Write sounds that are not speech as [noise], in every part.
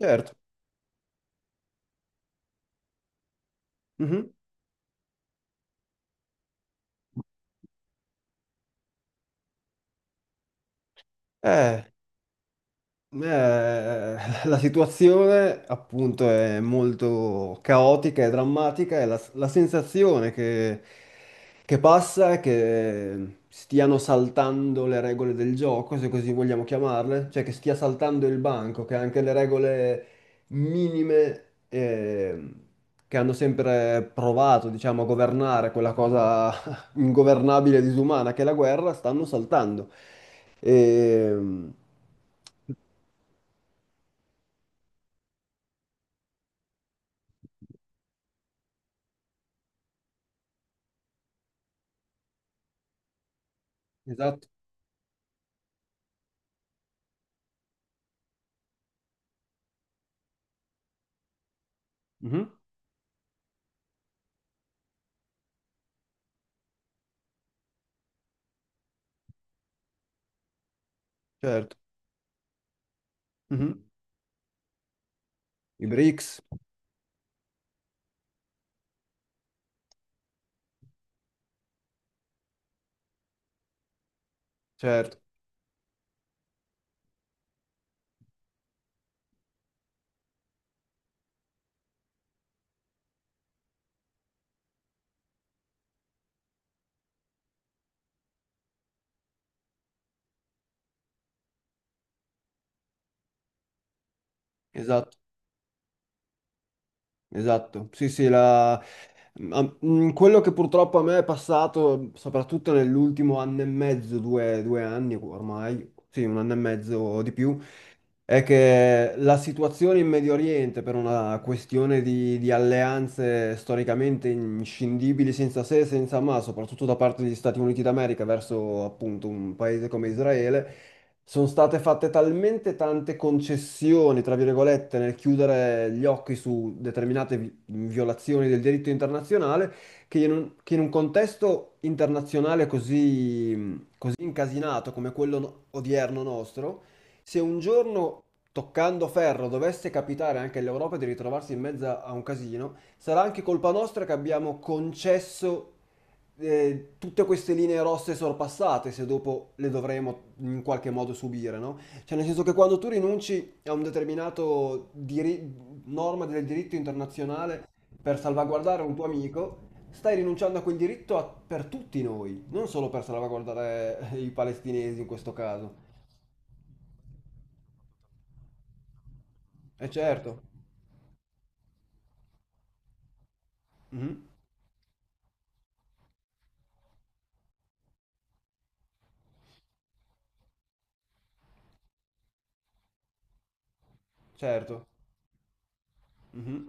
Certo. Mhm. Eh, Eh, [laughs] la situazione appunto è molto caotica e drammatica e la sensazione che passa è che stiano saltando le regole del gioco, se così vogliamo chiamarle, cioè che stia saltando il banco, che anche le regole minime eh, che hanno sempre provato, diciamo, a governare quella cosa [laughs] ingovernabile e disumana che è la guerra, stanno saltando. E, Esatto. Mhm. Certo. Mhm. I BRICS, certo, esatto, esatto. Sì, sì, ma, quello che purtroppo a me è passato, soprattutto nell'ultimo anno e mezzo, due, due anni ormai, sì, un anno e mezzo o di più, è che la situazione in Medio Oriente, per una questione di alleanze storicamente inscindibili, senza se e senza ma, soprattutto da parte degli Stati Uniti d'America verso appunto un paese come Israele, sono state fatte talmente tante concessioni, tra virgolette, nel chiudere gli occhi su determinate violazioni del diritto internazionale, che in un contesto internazionale così, così incasinato come quello no- odierno nostro, se un giorno, toccando ferro, dovesse capitare anche all'Europa di ritrovarsi in mezzo a un casino, sarà anche colpa nostra che abbiamo concesso tutte queste linee rosse sorpassate, se dopo le dovremo in qualche modo subire, no? Cioè, nel senso che quando tu rinunci a un determinato norma del diritto internazionale per salvaguardare un tuo amico, stai rinunciando a quel diritto per tutti noi, non solo per salvaguardare i palestinesi in questo caso. E certo. Mhm. Certo. Mhm.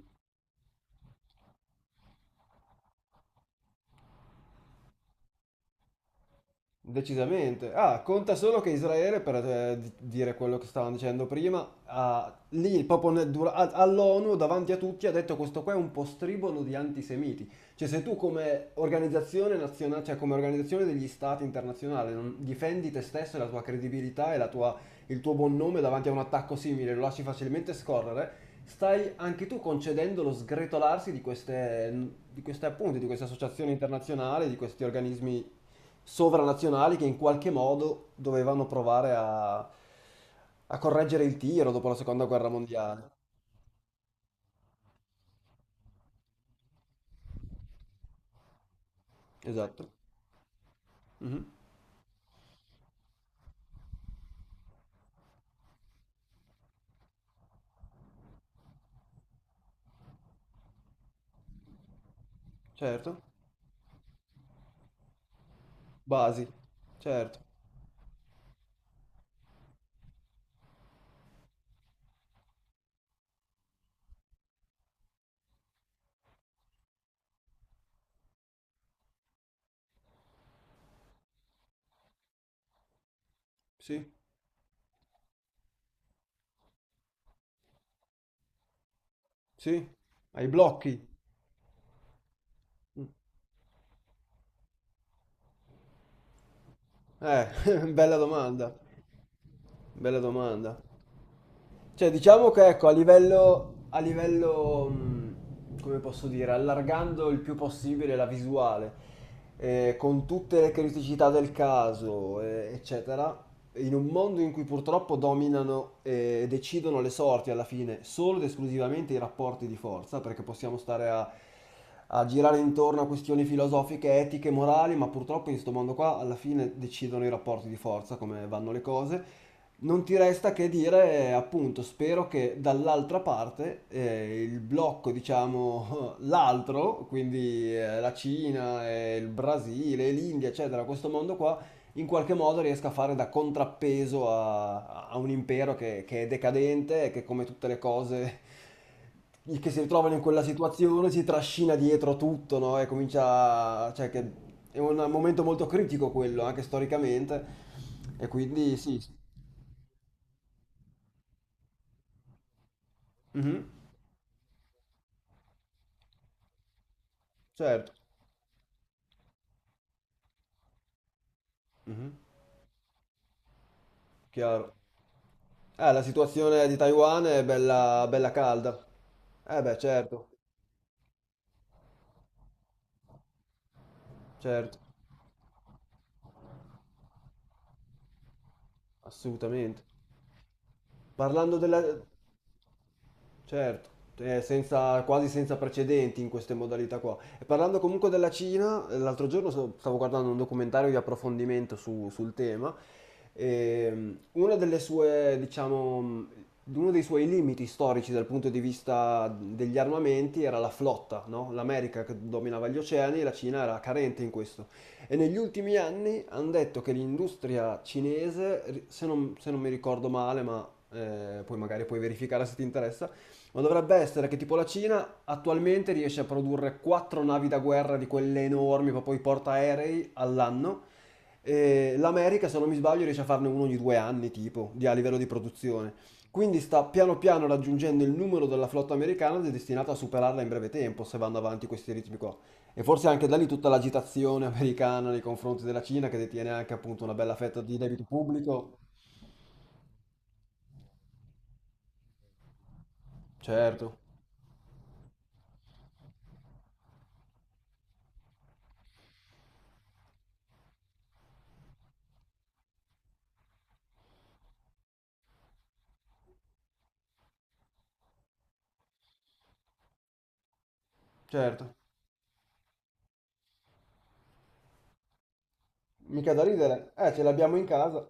Decisamente. Ah, conta solo che Israele, per dire quello che stavamo dicendo prima, lì proprio nel all'ONU davanti a tutti ha detto questo qua è un postribolo di antisemiti. Cioè se tu come organizzazione nazionale, cioè come organizzazione degli stati internazionali non difendi te stesso e la tua credibilità e il tuo buon nome davanti a un attacco simile, lo lasci facilmente scorrere, stai anche tu concedendo lo sgretolarsi di queste associazioni internazionali, di questi organismi sovranazionali che in qualche modo dovevano provare a correggere il tiro dopo la seconda guerra mondiale. Esatto. Mhm. Certo. Basi. Certo. Sì. Sì. Ai blocchi. Eh, [laughs] bella domanda. Bella domanda. Cioè, diciamo che ecco, a livello, a livello, come posso dire, allargando il più possibile la visuale, con tutte le criticità del caso, eccetera, in un mondo in cui purtroppo dominano e decidono le sorti alla fine solo ed esclusivamente i rapporti di forza, perché possiamo stare a girare intorno a questioni filosofiche, etiche, morali, ma purtroppo in questo mondo qua alla fine decidono i rapporti di forza, come vanno le cose. Non ti resta che dire, appunto, spero che dall'altra parte il blocco, diciamo, [laughs] l'altro, quindi la Cina, il Brasile, l'India, eccetera, questo mondo qua, in qualche modo riesca a fare da contrappeso a un impero che è decadente e che come tutte le cose che si ritrovano in quella situazione si trascina dietro tutto, no? E comincia, cioè che è un momento molto critico quello, anche storicamente. E quindi sì. Mhm. Certo. Mhm. Chiaro. La situazione di Taiwan è bella, bella calda. Eh beh, certo, certo, assolutamente. Parlando della... Certo, è quasi senza precedenti in queste modalità qua. E parlando comunque della Cina, l'altro giorno stavo guardando un documentario di approfondimento sul tema e una delle sue, diciamo, uno dei suoi limiti storici dal punto di vista degli armamenti era la flotta, no? L'America che dominava gli oceani e la Cina era carente in questo. E negli ultimi anni hanno detto che l'industria cinese, se non mi ricordo male, ma poi magari puoi verificare se ti interessa, ma dovrebbe essere che tipo la Cina attualmente riesce a produrre quattro navi da guerra di quelle enormi, proprio i portaerei all'anno. E l'America, se non mi sbaglio, riesce a farne uno ogni due anni, tipo, a livello di produzione. Quindi sta piano piano raggiungendo il numero della flotta americana ed è destinato a superarla in breve tempo, se vanno avanti questi ritmi qua. E forse anche da lì tutta l'agitazione [laughs] americana nei confronti della Cina, che detiene anche appunto una bella fetta di debito pubblico. Certo, certo. Mica da ridere. Ce l'abbiamo in casa.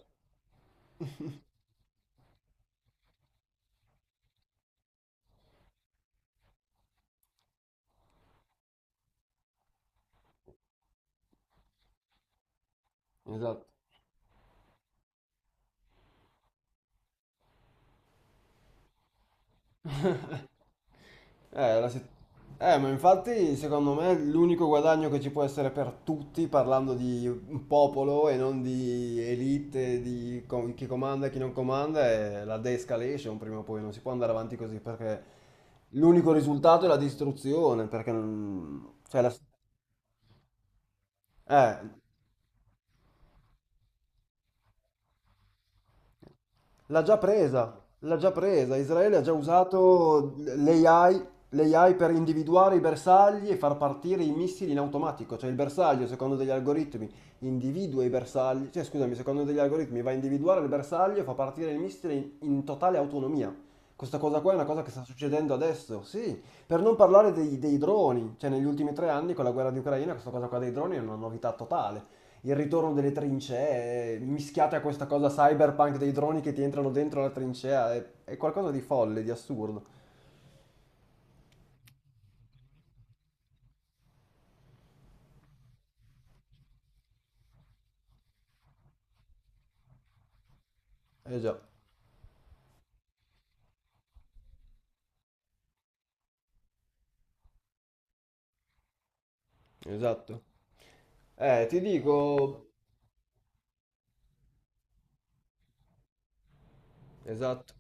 Esatto. [laughs] Eh, la sit- ma infatti secondo me l'unico guadagno che ci può essere per tutti, parlando di un popolo e non di elite, chi comanda e chi non comanda, è la de-escalation prima o poi, non si può andare avanti così perché l'unico risultato è la distruzione, perché non. Eh, L'ha già presa, l'ha già presa. Israele ha già usato l'AI per individuare i bersagli e far partire i missili in automatico. Cioè il bersaglio, secondo degli algoritmi, individua i bersagli, cioè scusami, secondo degli algoritmi va a individuare il bersaglio e fa partire il missile in totale autonomia. Questa cosa qua è una cosa che sta succedendo adesso, sì. Per non parlare dei droni, cioè negli ultimi tre anni con la guerra di Ucraina, questa cosa qua dei droni è una novità totale. Il ritorno delle trincee, mischiate a questa cosa cyberpunk dei droni che ti entrano dentro la trincea, è qualcosa di folle, di assurdo. Eh già, esatto. Ti dico, esatto,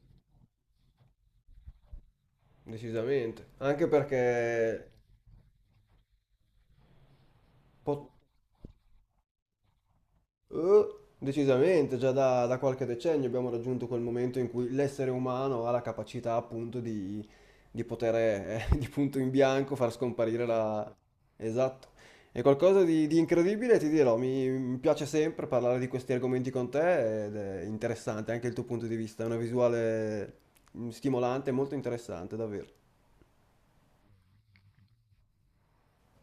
decisamente. Anche perché po- decisamente, già da qualche decennio abbiamo raggiunto quel momento in cui l'essere umano ha la capacità appunto di poter [laughs] di punto in bianco far scomparire la. Esatto. È qualcosa di incredibile, ti dirò, mi piace sempre parlare di questi argomenti con te ed è interessante anche il tuo punto di vista, è una visuale stimolante, molto interessante, davvero.